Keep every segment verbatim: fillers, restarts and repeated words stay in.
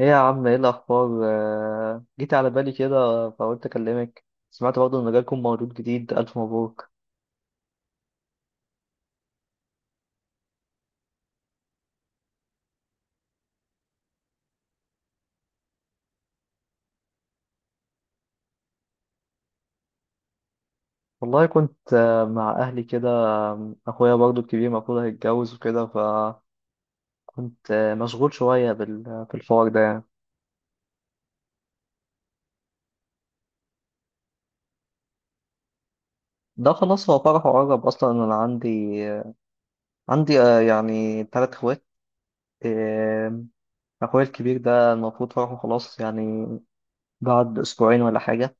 ايه يا عم، ايه الاخبار؟ آه، جيت على بالي كده فقلت اكلمك. سمعت برضه ان جالكم مولود جديد، الف مبروك. والله كنت آه، مع اهلي كده. آم، اخويا برضه الكبير المفروض هيتجوز وكده، فكنت آه، مشغول شويه بال- بالحوار ده يعني. ده خلاص، هو فرحه قرب اصلا. انا عندي آه، عندي آه، يعني ثلاث اخوات. آم، اخويا الكبير ده المفروض فرحه خلاص يعني بعد اسبوعين ولا حاجه.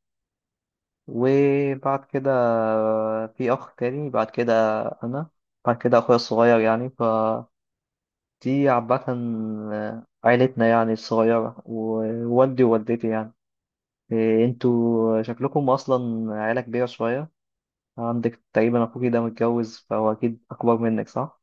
وبعد كده في أخ تاني، بعد كده أنا، بعد كده أخويا الصغير يعني. فدي عامة عيلتنا يعني الصغيرة، ووالدي ووالدتي يعني. إيه، انتوا شكلكم أصلا عيلة كبيرة شوية. عندك تقريبا أخوكي ده متجوز، فهو أكيد أكبر منك، صح؟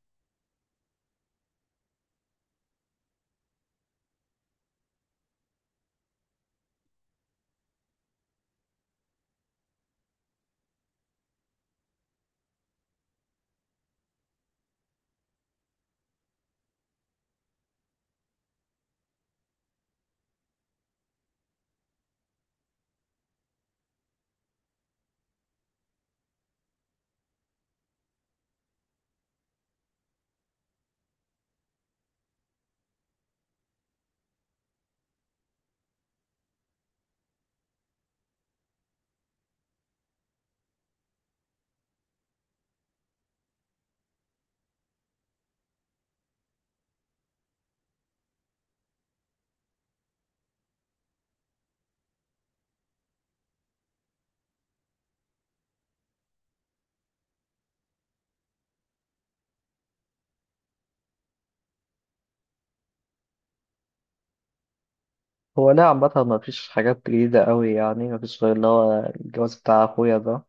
هو لا، عامة مفيش حاجات جديدة أوي يعني، مفيش غير اللي هو الجواز بتاع أخويا ده.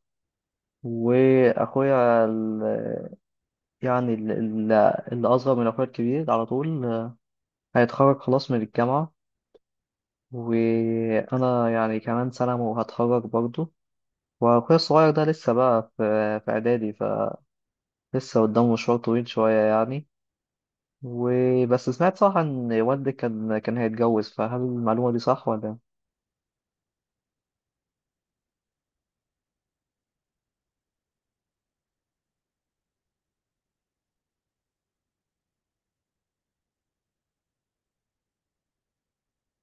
وأخويا ال- يعني ال- ال- اللي أصغر من أخويا الكبير على طول هيتخرج خلاص من الجامعة. وأنا يعني كمان سنة وهتخرج برضه. وأخويا الصغير ده لسه بقى في في إعدادي، فلسه قدامه مشوار طويل شوية يعني. وبس، سمعت صح إن والدي كان كان هيتجوز، فهل المعلومة دي صح ولا؟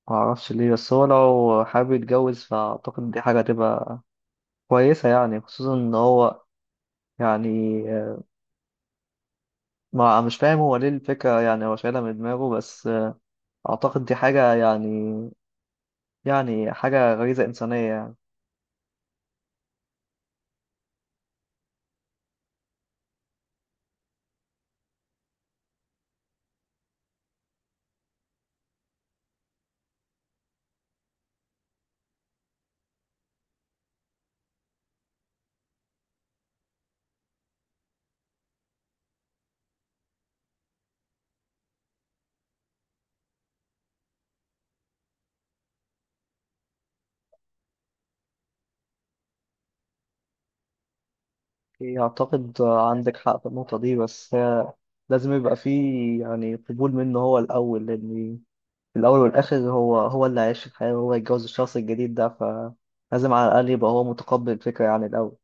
معرفش ليه، بس هو لو حابب يتجوز فأعتقد دي حاجة تبقى كويسة يعني. خصوصا إن هو يعني، ما مش فاهم هو ليه الفكرة يعني، هو شايلها من دماغه بس. أعتقد دي حاجة يعني يعني حاجة غريزة إنسانية يعني. إيه، أعتقد عندك حق في النقطة دي، بس هي لازم يبقى فيه يعني قبول منه هو الأول. لأن في الأول والآخر هو هو اللي هيعيش الحياة وهو يتجوز الشخص الجديد ده، فلازم على الأقل يبقى هو متقبل الفكرة يعني الأول.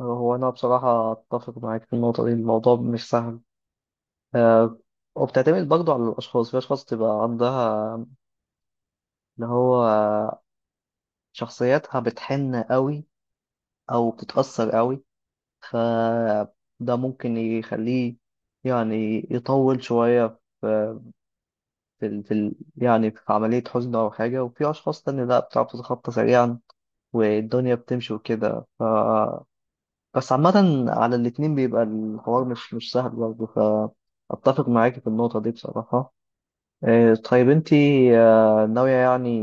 هو أنا بصراحة أتفق معاك في النقطة دي، الموضوع مش سهل. آه، وبتعتمد برضه على الأشخاص. في أشخاص تبقى عندها اللي هو شخصيتها بتحن قوي أو بتتأثر قوي، فده ممكن يخليه يعني يطول شوية في في ال- في ال- يعني في عملية حزن أو حاجة. وفي أشخاص تانية لأ، بتعرف تتخطى سريعا والدنيا بتمشي وكده. ف بس عامة على الاتنين بيبقى الحوار مش مش سهل برضه، فأتفق معاكي في النقطة دي بصراحة. آه، طيب، انتي آه، ناوية يعني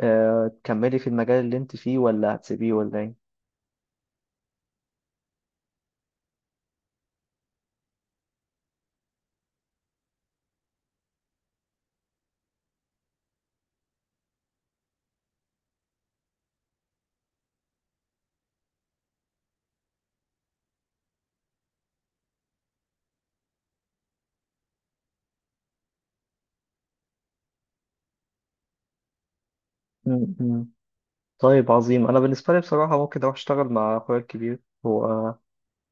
آه، تكملي في المجال اللي انت فيه ولا هتسيبيه ولا ايه؟ طيب عظيم. انا بالنسبه لي بصراحه ممكن اروح اشتغل مع اخويا الكبير. هو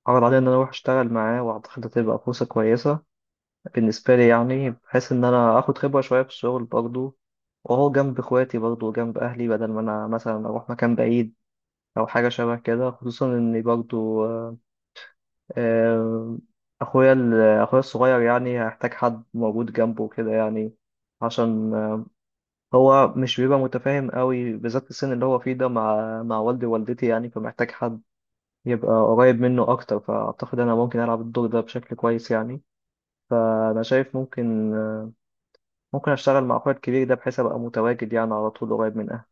عرض عليا ان انا اروح اشتغل معاه، واعتقد هتبقى فرصه كويسه بالنسبه لي يعني، بحيث ان انا اخد خبره شويه في الشغل برضه، وهو جنب اخواتي برضه وجنب اهلي، بدل ما انا مثلا اروح مكان بعيد او حاجه شبه كده. خصوصا ان برضه آه، آه، اخويا ال- اخويا الصغير يعني هيحتاج حد موجود جنبه كده يعني، عشان هو مش بيبقى متفاهم قوي بالذات في السن اللي هو فيه ده مع مع والدي ووالدتي يعني، فمحتاج حد يبقى قريب منه أكتر. فأعتقد أنا ممكن ألعب الدور ده بشكل كويس يعني. فأنا شايف ممكن ممكن أشتغل مع أخويا الكبير ده، بحيث أبقى متواجد يعني على طول قريب من أهلي.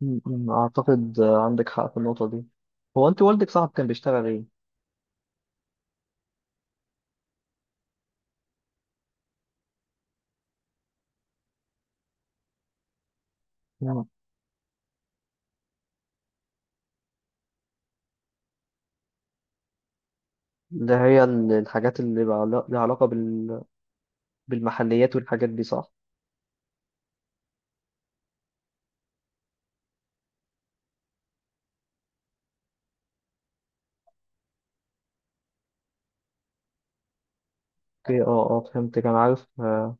م- م، أعتقد عندك حق في النقطة دي. هو أنت، والدك صاحب كان بيشتغل إيه؟ م، اللي هي ال- الحاجات اللي بقى لا- لها علاقة بال... بالمحليات والحاجات دي، صح؟ اوكي، اه، اه، فهمت. كان عارف آه،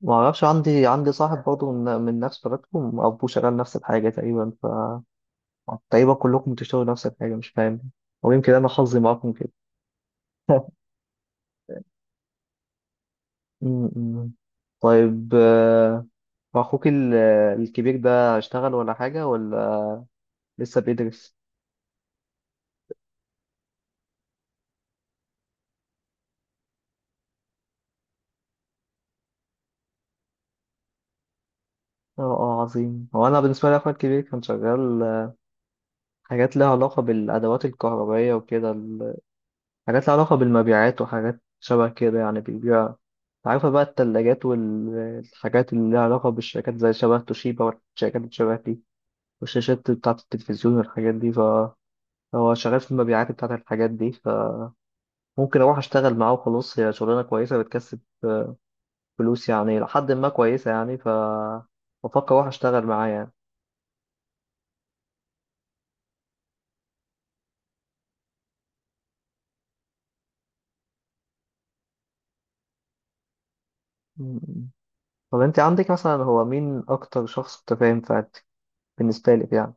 ما اعرفش. عندي عندي صاحب برضه من من نفس بلدكم، ابوه شغال نفس الحاجه تقريبا. طيب كلكم بتشتغلوا نفس الحاجة، مش فاهم. ويمكن أنا حظي معاكم كده. م- م. طيب، آه، أخوك ال- الكبير ده اشتغل ولا حاجة، ولا لسه بيدرس؟ اه، اه، عظيم. هو أنا بالنسبة لي أخويا الكبير كان شغال آه، حاجات لها علاقة بالأدوات الكهربائية وكده. ال- حاجات لها علاقة بالمبيعات وحاجات شبه كده يعني، بيبيع، عارفة بقى، التلاجات والحاجات اللي لها علاقة بالشركات زي شبه توشيبا والشركات اللي شبه دي، والشاشات بتاعة التلفزيون والحاجات دي. هو شغال في المبيعات بتاعت الحاجات دي، فممكن اروح اشتغل معاه وخلاص. هي شغلانه كويسه، بتكسب فلوس يعني لحد ما كويسه يعني. ف بفكر اروح اشتغل معاه يعني. م- طب، انت عندك مثلا، هو مين اكتر شخص متفاهم في عيلتك بالنسبه لك يعني؟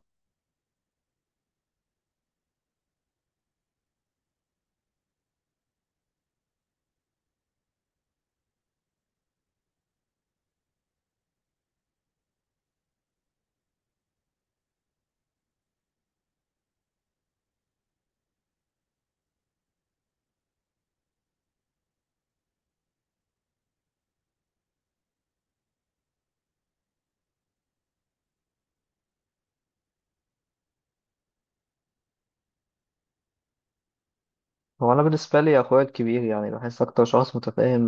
هو انا بالنسبه لي اخويا الكبير يعني، بحس اكتر شخص متفاهم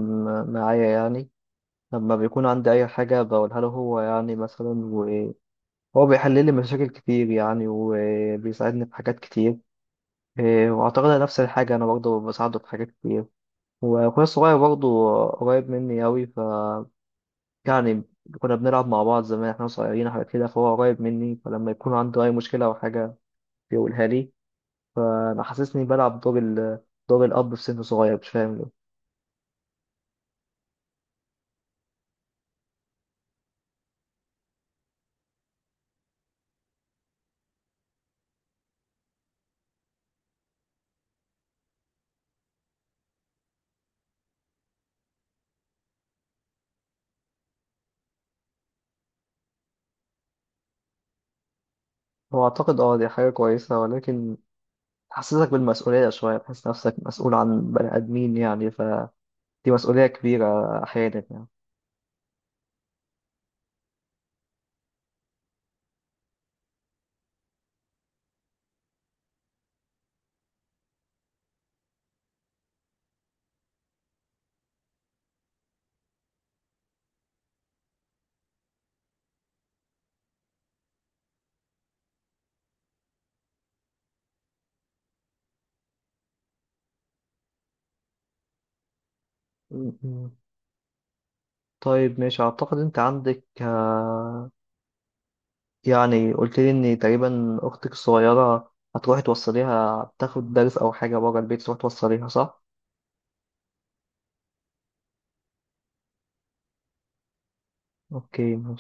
معايا يعني. لما بيكون عندي اي حاجه بقولها له هو يعني مثلا، وهو بيحل لي مشاكل كتير يعني، وبيساعدني في حاجات كتير. إيه، وأعتقد نفس الحاجة أنا برضه بساعده في حاجات كتير. وأخويا الصغير برضه قريب مني أوي. ف يعني كنا بنلعب مع بعض زمان إحنا صغيرين وحاجات كده، فهو قريب مني. فلما يكون عنده أي مشكلة أو حاجة بيقولها لي. أنا حاسسني بلعب دور ال دور الأب في سن صغير، مش فاهم ليه. هو أعتقد أه دي حاجة كويسة، ولكن تحسسك بالمسؤولية شوية، تحس نفسك مسؤول عن بني آدمين يعني، فدي مسؤولية كبيرة أحيانا يعني. م- م. طيب ماشي، أعتقد أنت عندك آه، يعني قلت لي ان تقريبا اختك الصغيره هتروحي توصليها تاخد درس او حاجه بره البيت، تروحي توصليها، صح؟ اوكي.